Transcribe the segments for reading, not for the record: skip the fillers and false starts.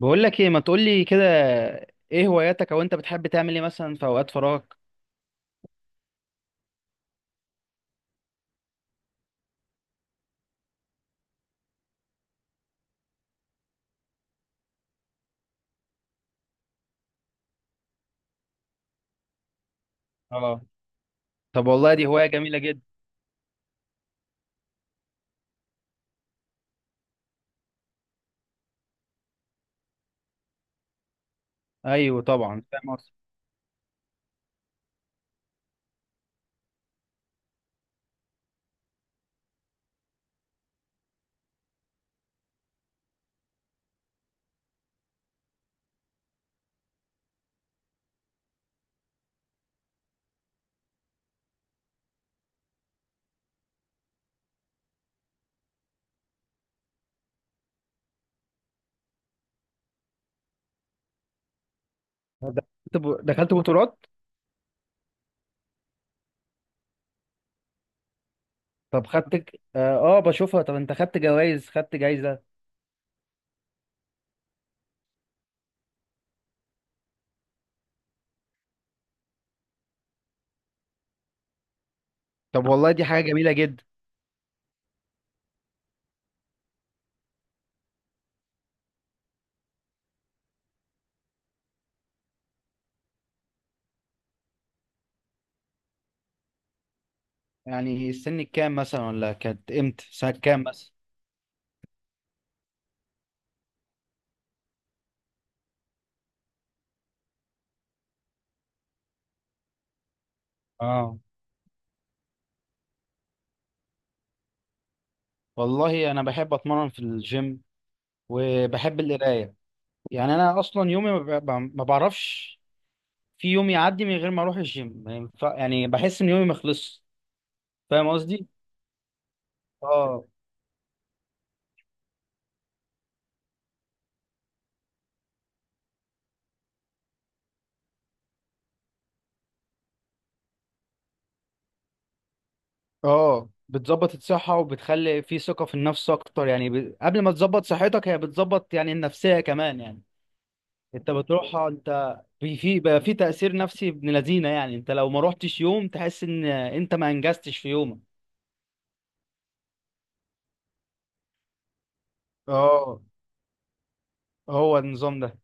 بقول لك ايه، ما تقول لي كده؟ ايه هواياتك، او انت بتحب تعمل ايه مثلا في اوقات فراغك؟ اه. طب والله دي هواية جميلة جدا. ايوه طبعا، فاهم قصدي. دخلت بطولات. طب، اه، بشوفها. طب انت خدت جوائز، خدت جايزة؟ طب والله دي حاجة جميلة جدا. يعني السن الكام مثلا، ولا كانت امتى، سنة كام مثلا؟ اه، والله انا بحب اتمرن في الجيم، وبحب القراية. يعني انا اصلا يومي ما بعرفش في يوم يعدي من غير ما اروح الجيم. ما ينفع- يعني بحس ان يومي ما خلصش. فاهم قصدي؟ اه. اه، بتظبط الصحة، وبتخلي في ثقة في النفس اكتر. يعني قبل ما تظبط صحتك، هي بتظبط يعني النفسية كمان يعني. انت بتروحها، انت في بقى في تأثير نفسي ابن لذينة يعني. انت لو ما روحتش يوم، تحس ان انت ما انجزتش في يومك. اه. هو النظام ده.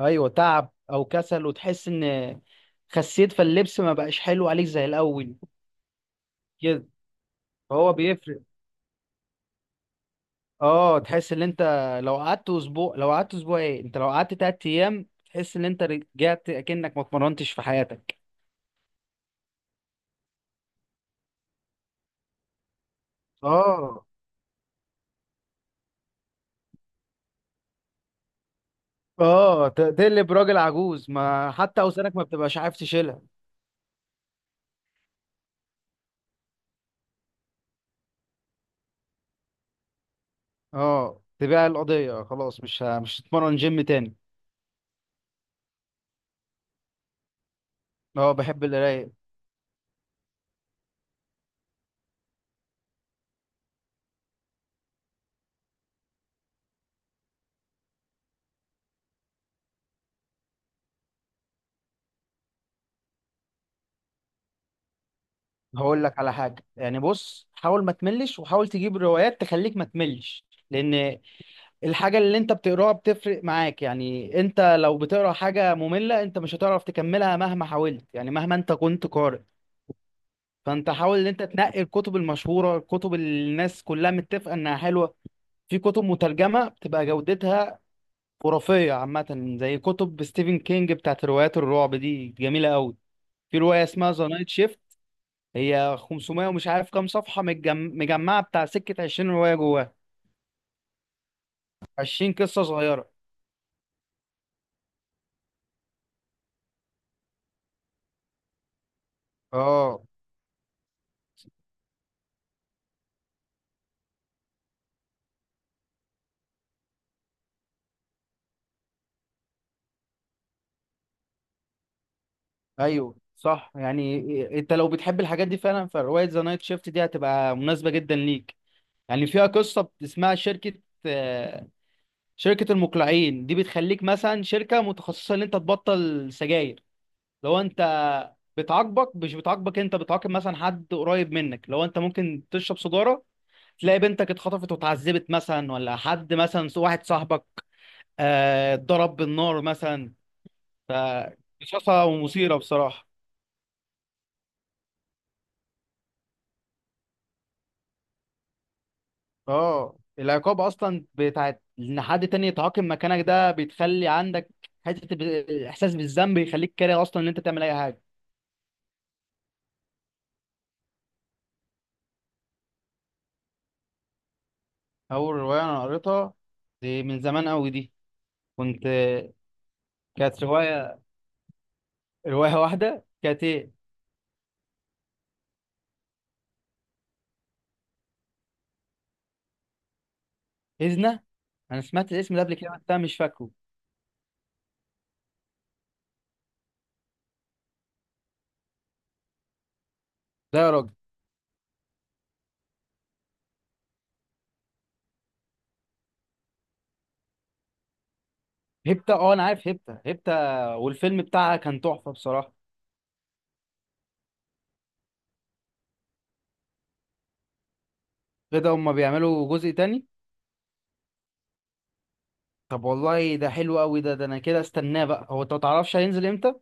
ايوه، تعب او كسل، وتحس ان خسيت، فاللبس ما بقاش حلو عليك زي الاول، كده. فهو بيفرق. اه، تحس ان انت لو قعدت اسبوع لو قعدت اسبوع ايه انت لو قعدت تلات ايام، تحس ان انت رجعت اكنك ما اتمرنتش في حياتك. اه، اه. تقلب راجل عجوز، ما حتى اوزانك ما بتبقاش عارف تشيلها. اه، تبيع القضية، خلاص مش هتتمرن جيم تاني. اه، بحب القراية. هقول لك على حاجة، يعني بص، حاول ما تملش، وحاول تجيب روايات تخليك ما تملش. لان الحاجة اللي انت بتقراها بتفرق معاك. يعني انت لو بتقرا حاجة مملة، انت مش هتعرف تكملها مهما حاولت، يعني مهما انت كنت قارئ. فانت حاول ان انت تنقي الكتب المشهورة، الكتب اللي الناس كلها متفقة انها حلوة. في كتب مترجمة بتبقى جودتها خرافية، عامة زي كتب ستيفن كينج بتاعت روايات الرعب دي، جميلة قوي. في رواية اسمها ذا نايت شيفت، هي 500 ومش عارف كام صفحة، مجمعة بتاع، سكة 20 رواية جواها، 20 قصة صغيرة. اه. ايوه صح، يعني انت لو بتحب الحاجات دي فعلا، فروايه ذا نايت شيفت دي هتبقى مناسبه جدا ليك. يعني فيها قصه اسمها شركه، آه، شركه المقلعين، دي بتخليك مثلا شركه متخصصه ان انت تبطل سجاير لو انت. بتعاقبك، مش بتعاقبك انت، بتعاقب مثلا حد قريب منك لو انت ممكن تشرب سيجاره. تلاقي بنتك اتخطفت واتعذبت مثلا، ولا حد مثلا، واحد صاحبك اتضرب بالنار مثلا. ف قصصها ومثيره بصراحه. اه، العقاب اصلا بتاعت ان حد تاني يتعاقب مكانك ده، بتخلي عندك حته احساس بالذنب، يخليك كاره اصلا ان انت تعمل اي حاجه. اول روايه انا قريتها، دي من زمان قوي دي. كنت كانت روايه واحده، كانت ايه. هزنه، انا سمعت الاسم ده قبل كده، بس أنا مش فاكره. ده يا راجل. هيبتا، اه انا عارف، هيبتا هيبتا. والفيلم بتاعها كان تحفه بصراحه. كده هما بيعملوا جزء تاني. طب والله ده حلو قوي ده انا كده استناه بقى. هو انت ما تعرفش هينزل امتى؟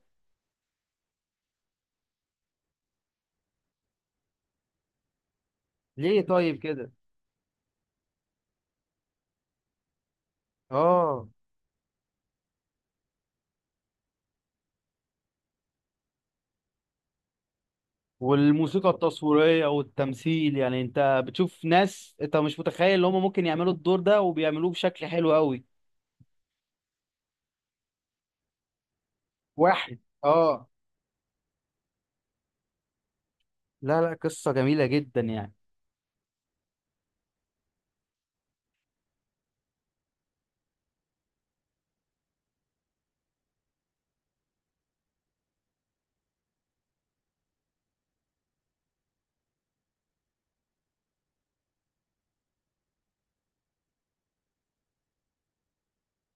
ليه طيب كده؟ اه، والموسيقى التصويرية والتمثيل، يعني انت بتشوف ناس انت مش متخيل ان هم ممكن يعملوا الدور ده، وبيعملوه بشكل حلو قوي. واحد، اه. لا لا، قصة جميلة جدا يعني.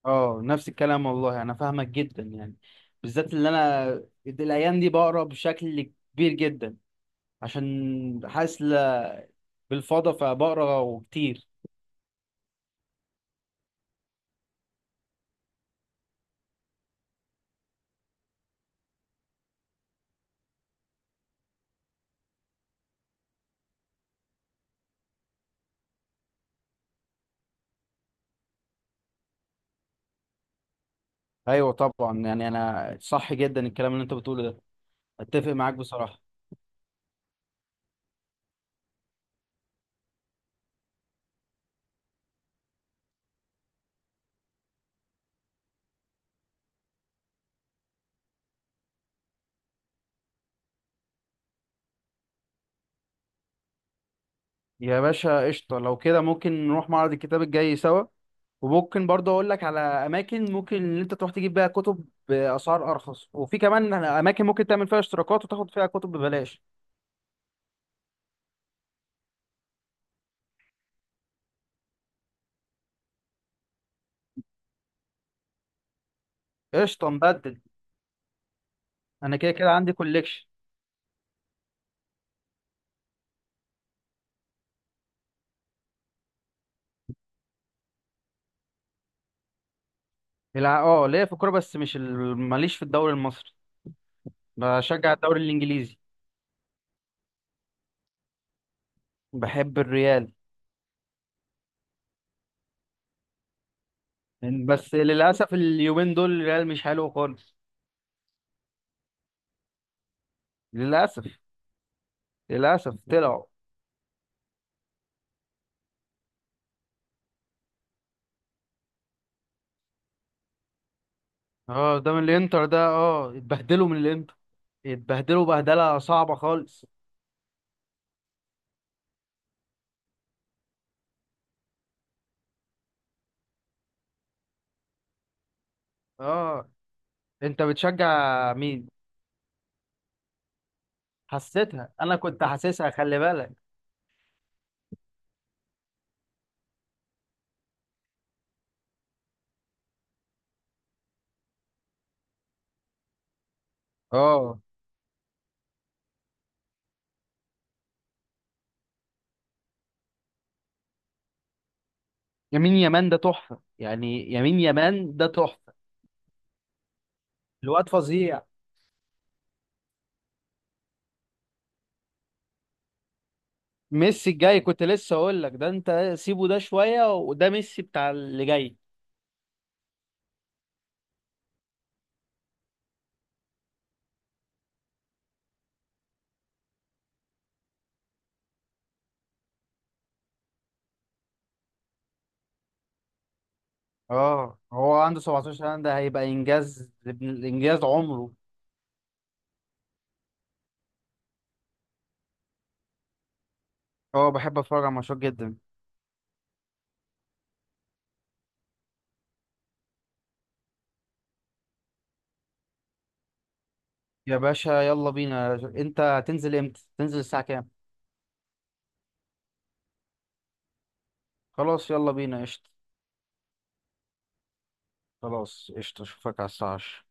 اه، نفس الكلام والله، انا فاهمك جدا يعني. بالذات اللي انا الايام دي بقرا بشكل كبير جدا، عشان حاسس بالفضا، فبقرا وكتير. ايوه طبعا، يعني انا صح جدا الكلام اللي انت بتقوله ده. اتفق معاك بصراحة. يا باشا قشطة، لو كده ممكن نروح معرض الكتاب الجاي سوا. وممكن برضه أقول لك على أماكن ممكن إن أنت تروح تجيب بيها كتب بأسعار أرخص، وفي كمان أماكن ممكن تعمل فيها اشتراكات وتاخد فيها كتب ببلاش. قشطة نبدل. أنا كده كده عندي كوليكشن. اه، ليا في الكورة، بس مش ال- ماليش في الدوري المصري. بشجع الدوري الإنجليزي. بحب الريال. بس للأسف اليومين دول الريال مش حلو خالص. للأسف. للأسف طلعوا. اه، قدام الانتر ده، اه اتبهدلوا من الانتر، اتبهدلوا بهدله صعبه خالص. اه. انت بتشجع مين؟ حسيتها، انا كنت حاسسها، خلي بالك. اه، يمين يمان ده تحفه، يعني يمين يمان ده تحفه. الواد فظيع. ميسي الجاي، كنت لسه اقول لك ده، انت سيبه ده شويه، وده ميسي بتاع اللي جاي. اه، هو عنده 17 سنه، ده هيبقى انجاز، انجاز عمره. اه، بحب اتفرج على ماتشات جدا. يا باشا يلا بينا، انت هتنزل امتى، تنزل الساعة كام؟ خلاص يلا بينا قشطة. خلاص قشطة، اشوفك على الساعة 10.